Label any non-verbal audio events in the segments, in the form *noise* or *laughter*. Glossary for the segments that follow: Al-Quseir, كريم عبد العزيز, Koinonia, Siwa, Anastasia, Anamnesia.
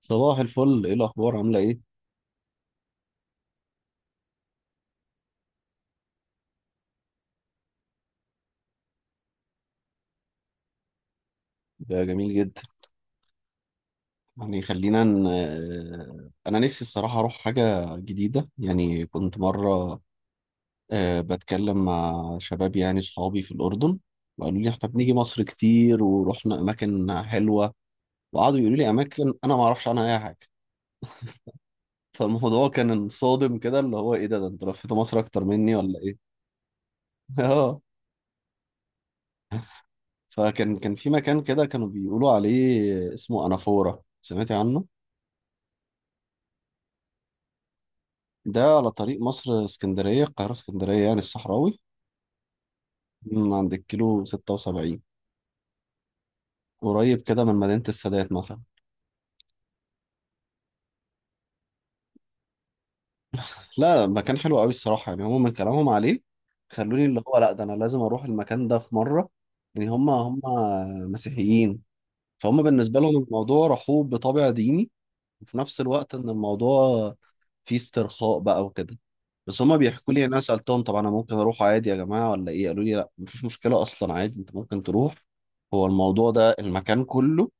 صباح الفل، ايه الاخبار، عامله ايه؟ ده جميل جدا. يعني خلينا ن... آه، انا نفسي الصراحه اروح حاجه جديده، يعني كنت مره. بتكلم مع شباب، يعني صحابي في الاردن. وقالوا لي احنا بنيجي مصر كتير ورحنا اماكن حلوه. وقعدوا يقولوا لي اماكن انا ما اعرفش عنها اي حاجه. *laughs* فالموضوع كان صادم كده، اللي هو ايه ده انت لفيت مصر اكتر مني ولا ايه؟ *laughs* اه. فكان في مكان كده كانوا بيقولوا عليه اسمه انافورا، سمعتي عنه؟ ده على طريق مصر اسكندرية، القاهرة اسكندرية يعني، الصحراوي. من عند الكيلو 76، قريب كده من مدينة السادات مثلا. لا، مكان حلو قوي الصراحة، يعني هما من كلامهم عليه خلوني اللي هو لا ده أنا لازم أروح المكان ده في مرة. يعني هما مسيحيين. فهم بالنسبة لهم الموضوع رحوب بطابع ديني، وفي نفس الوقت ان الموضوع فيه استرخاء بقى وكده. بس هما بيحكوا لي، انا سالتهم طب انا ممكن اروح عادي يا جماعه ولا ايه، قالوا لي لا، مفيش مشكله اصلا، عادي انت ممكن تروح. هو الموضوع ده المكان كله،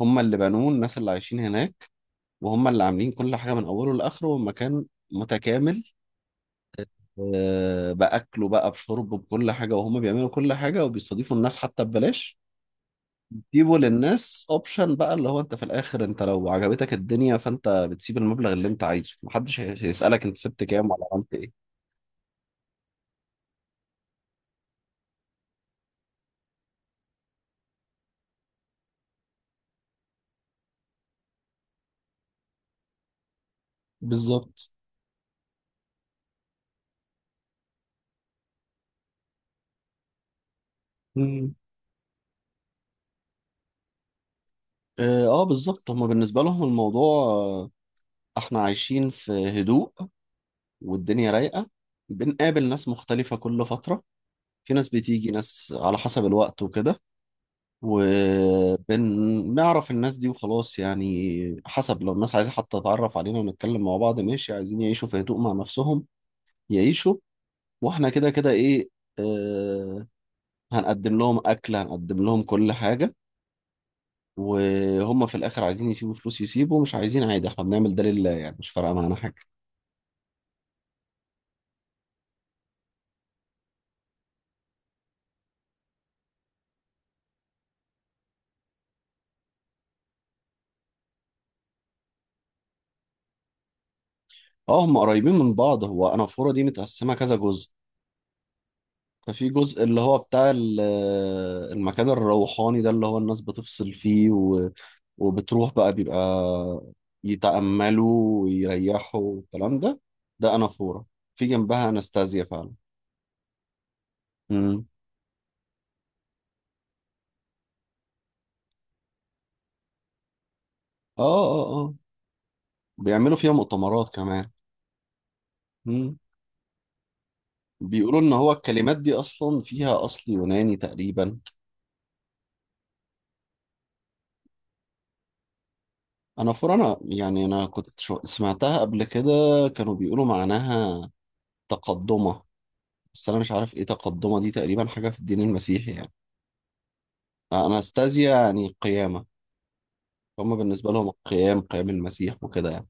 هما اللي بنوه، الناس اللي عايشين هناك. وهما اللي عاملين كل حاجه من اوله لاخره، والمكان متكامل. باكله بقى بشربه بكل حاجه، وهما بيعملوا كل حاجه وبيستضيفوا الناس حتى ببلاش. سيبه للناس اوبشن بقى، اللي هو انت في الاخر انت لو عجبتك الدنيا فانت بتسيب المبلغ اللي انت عايزه، محدش هيسألك انت سبت كام ولا عملت ايه. بالظبط. مم. اه، بالظبط. هما بالنسبة لهم الموضوع، احنا عايشين في هدوء، والدنيا رايقة. بنقابل ناس مختلفة كل فترة، في ناس بتيجي، ناس على حسب الوقت وكده. وبنعرف الناس دي وخلاص، يعني حسب، لو الناس عايزة حتى تتعرف علينا ونتكلم مع بعض، ماشي، عايزين يعيشوا في هدوء مع نفسهم، يعيشوا. واحنا كده كده، ايه، آه هنقدم لهم اكل، هنقدم لهم كل حاجه. وهم في الاخر عايزين يسيبوا فلوس، يسيبوا، مش عايزين عادي، احنا بنعمل ده لله، يعني مش فارقه معانا حاجه. اه، هم قريبين من بعض، هو انافوره دي متقسمه كذا جزء. ففي جزء اللي هو بتاع المكان الروحاني ده اللي هو الناس بتفصل فيه وبتروح بقى بيبقى يتأملوا ويريحوا والكلام ده. ده انافوره، في جنبها انستازيا فعلا. امم. اه اه اه. بيعملوا فيها مؤتمرات كمان. مم. بيقولوا ان هو الكلمات دي اصلا فيها اصل يوناني تقريبا. انا فرانا يعني، انا كنت سمعتها قبل كده. كانوا بيقولوا معناها تقدمة، بس انا مش عارف ايه تقدمة دي، تقريبا حاجة في الدين المسيحي يعني. اناستازيا يعني قيامة، هما بالنسبة لهم القيام، قيام المسيح وكده يعني.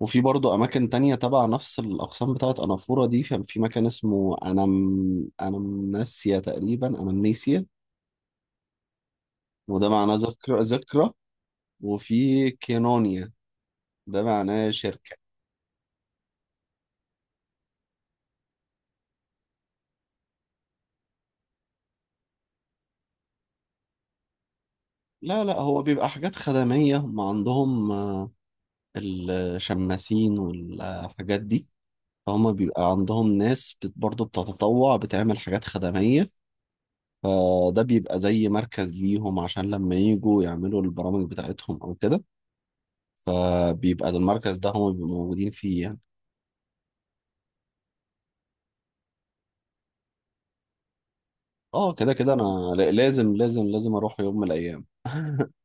وفي برضه أماكن تانية تبع نفس الأقسام بتاعت أنافورا دي، كان في مكان اسمه أنمناسيا، تقريبا أنمنيسيا. وده معناه ذكرى ذكرى. وفي كينونيا، ده معناه شركة. لا لا، هو بيبقى حاجات خدمية، هم عندهم الشماسين والحاجات دي. فهم بيبقى عندهم ناس برضه بتتطوع بتعمل حاجات خدمية. فده بيبقى زي مركز ليهم، عشان لما يجوا يعملوا البرامج بتاعتهم أو كده. فبيبقى ده المركز ده هم بيبقوا موجودين فيه يعني. اه، كده كده أنا لازم لازم لازم أروح يوم من الأيام. *laughs*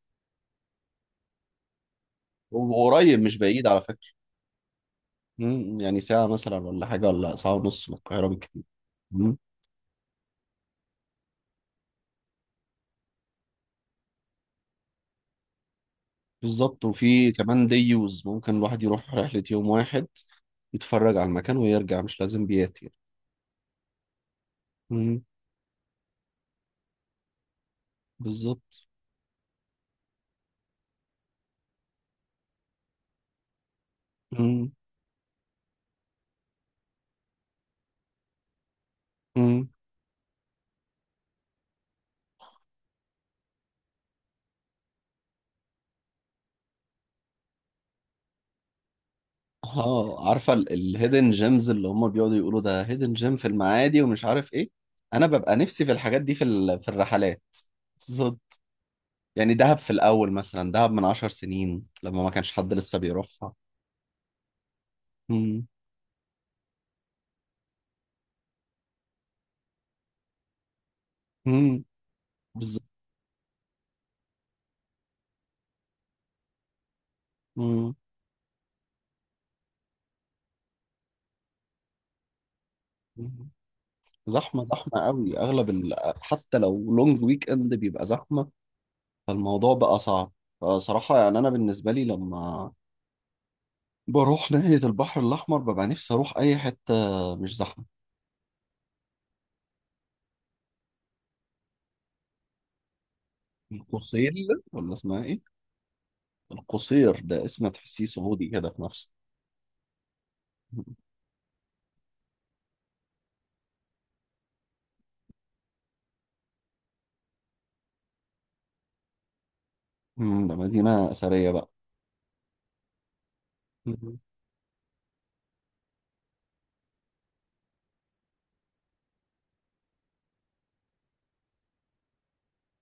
وقريب مش بعيد على فكرة. مم، يعني ساعة مثلا ولا حاجة ولا ساعة ونص من القاهرة بالكتير. مم، بالظبط، وفي كمان ديوز ممكن الواحد يروح رحلة يوم واحد، يتفرج على المكان ويرجع، مش لازم بيات يعني. مم، بالظبط. مم، مم. اه، عارفة الهيدن جيمز اللي هم بيقعدوا يقولوا ده هيدن جيم في المعادي ومش عارف ايه. انا ببقى نفسي في الحاجات دي، في في الرحلات. بالظبط. يعني دهب في الاول مثلا، دهب من عشر سنين لما ما كانش حد لسه بيروحها. مم، مم، بالظبط. مم. زحمة زحمة قوي، أغلب حتى لو لونج ويك إند بيبقى زحمة. فالموضوع بقى صعب. فصراحة يعني أنا بالنسبة لي، لما بروح ناحية البحر الأحمر ببقى نفسي أروح أي حتة مش زحمة. القصير، ولا اسمها إيه؟ القصير ده اسم تحسيه سعودي كده في نفسه. مم، ده مدينة أثرية بقى؟ مم.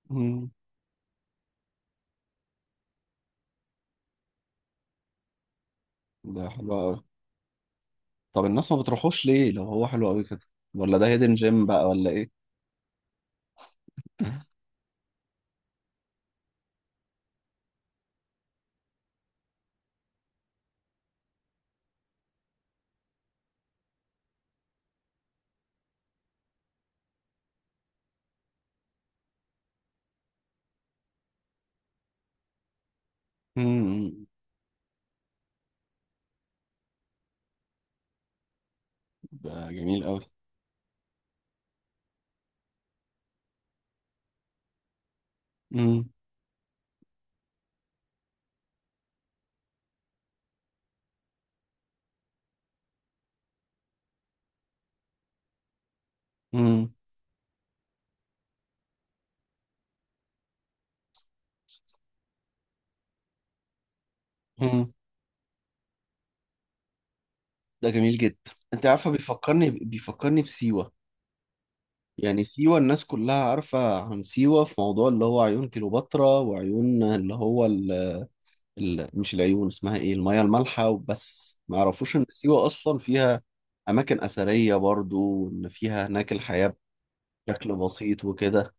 مم، ده حلو قوي. طب الناس ما بتروحوش ليه لو هو حلو قوي كده؟ ولا ده هيدن جيم بقى ولا إيه؟ مم، ده جميل قوي. مم، مم، مم. ده جميل جدا، انت عارفه، بيفكرني بسيوه. يعني سيوه الناس كلها عارفه عن سيوه في موضوع اللي هو عيون كليوباترا، وعيون اللي هو مش العيون اسمها ايه الميه المالحه وبس، ما يعرفوش ان سيوه اصلا فيها اماكن اثريه برضو، وان فيها هناك الحياه بشكل بسيط وكده.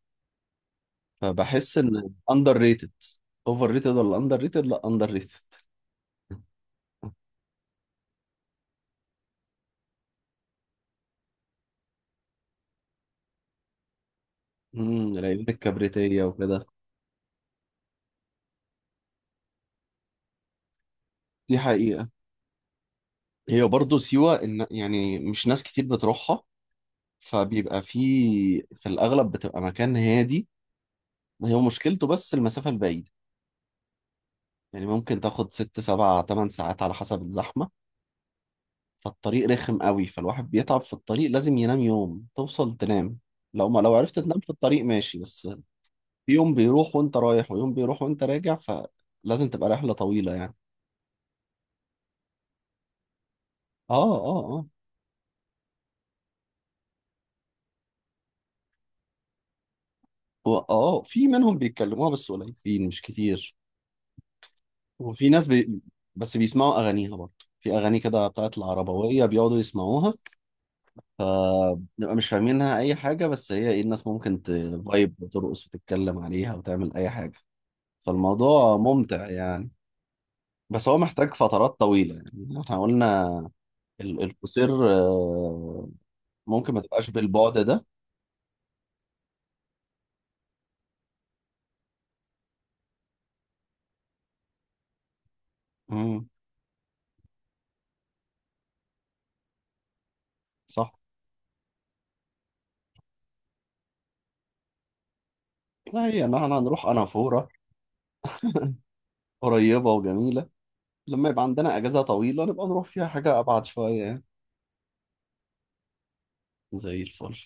فبحس ان اندر ريتد، اوفر ريتد ولا اندر ريتد؟ لا، اندر ريتد. امم. *laughs* العيون الكبريتيه وكده. دي حقيقه. هي برضه سيوة، إن يعني مش ناس كتير بتروحها. فبيبقى في الأغلب بتبقى مكان هادي. هي مشكلته بس المسافة البعيدة، يعني ممكن تاخد ست سبع تمن ساعات على حسب الزحمة. فالطريق رخم قوي، فالواحد بيتعب في الطريق، لازم ينام، يوم توصل تنام. لو ما لو عرفت تنام في الطريق ماشي بس. في يوم بيروح وانت رايح، ويوم بيروح وانت راجع، فلازم تبقى رحلة طويلة يعني. اه. اه اه. اه، في منهم بيتكلموها بس قليلين مش كتير. وفي ناس بس بيسمعوا اغانيها برضه. في اغاني كده بتاعت العربويه بيقعدوا يسمعوها. فبنبقى مش فاهمينها اي حاجه، بس هي ايه، الناس ممكن تفايب وترقص وتتكلم عليها وتعمل اي حاجه. فالموضوع ممتع يعني. بس هو محتاج فترات طويله، يعني احنا قلنا القصير، ممكن ما تبقاش بالبعد ده. امم. صح. لا، هي ان احنا هنروح انافوره، قريبه وجميله. لما يبقى عندنا اجازه طويله نبقى نروح فيها حاجه ابعد شويه يعني. زي الفل.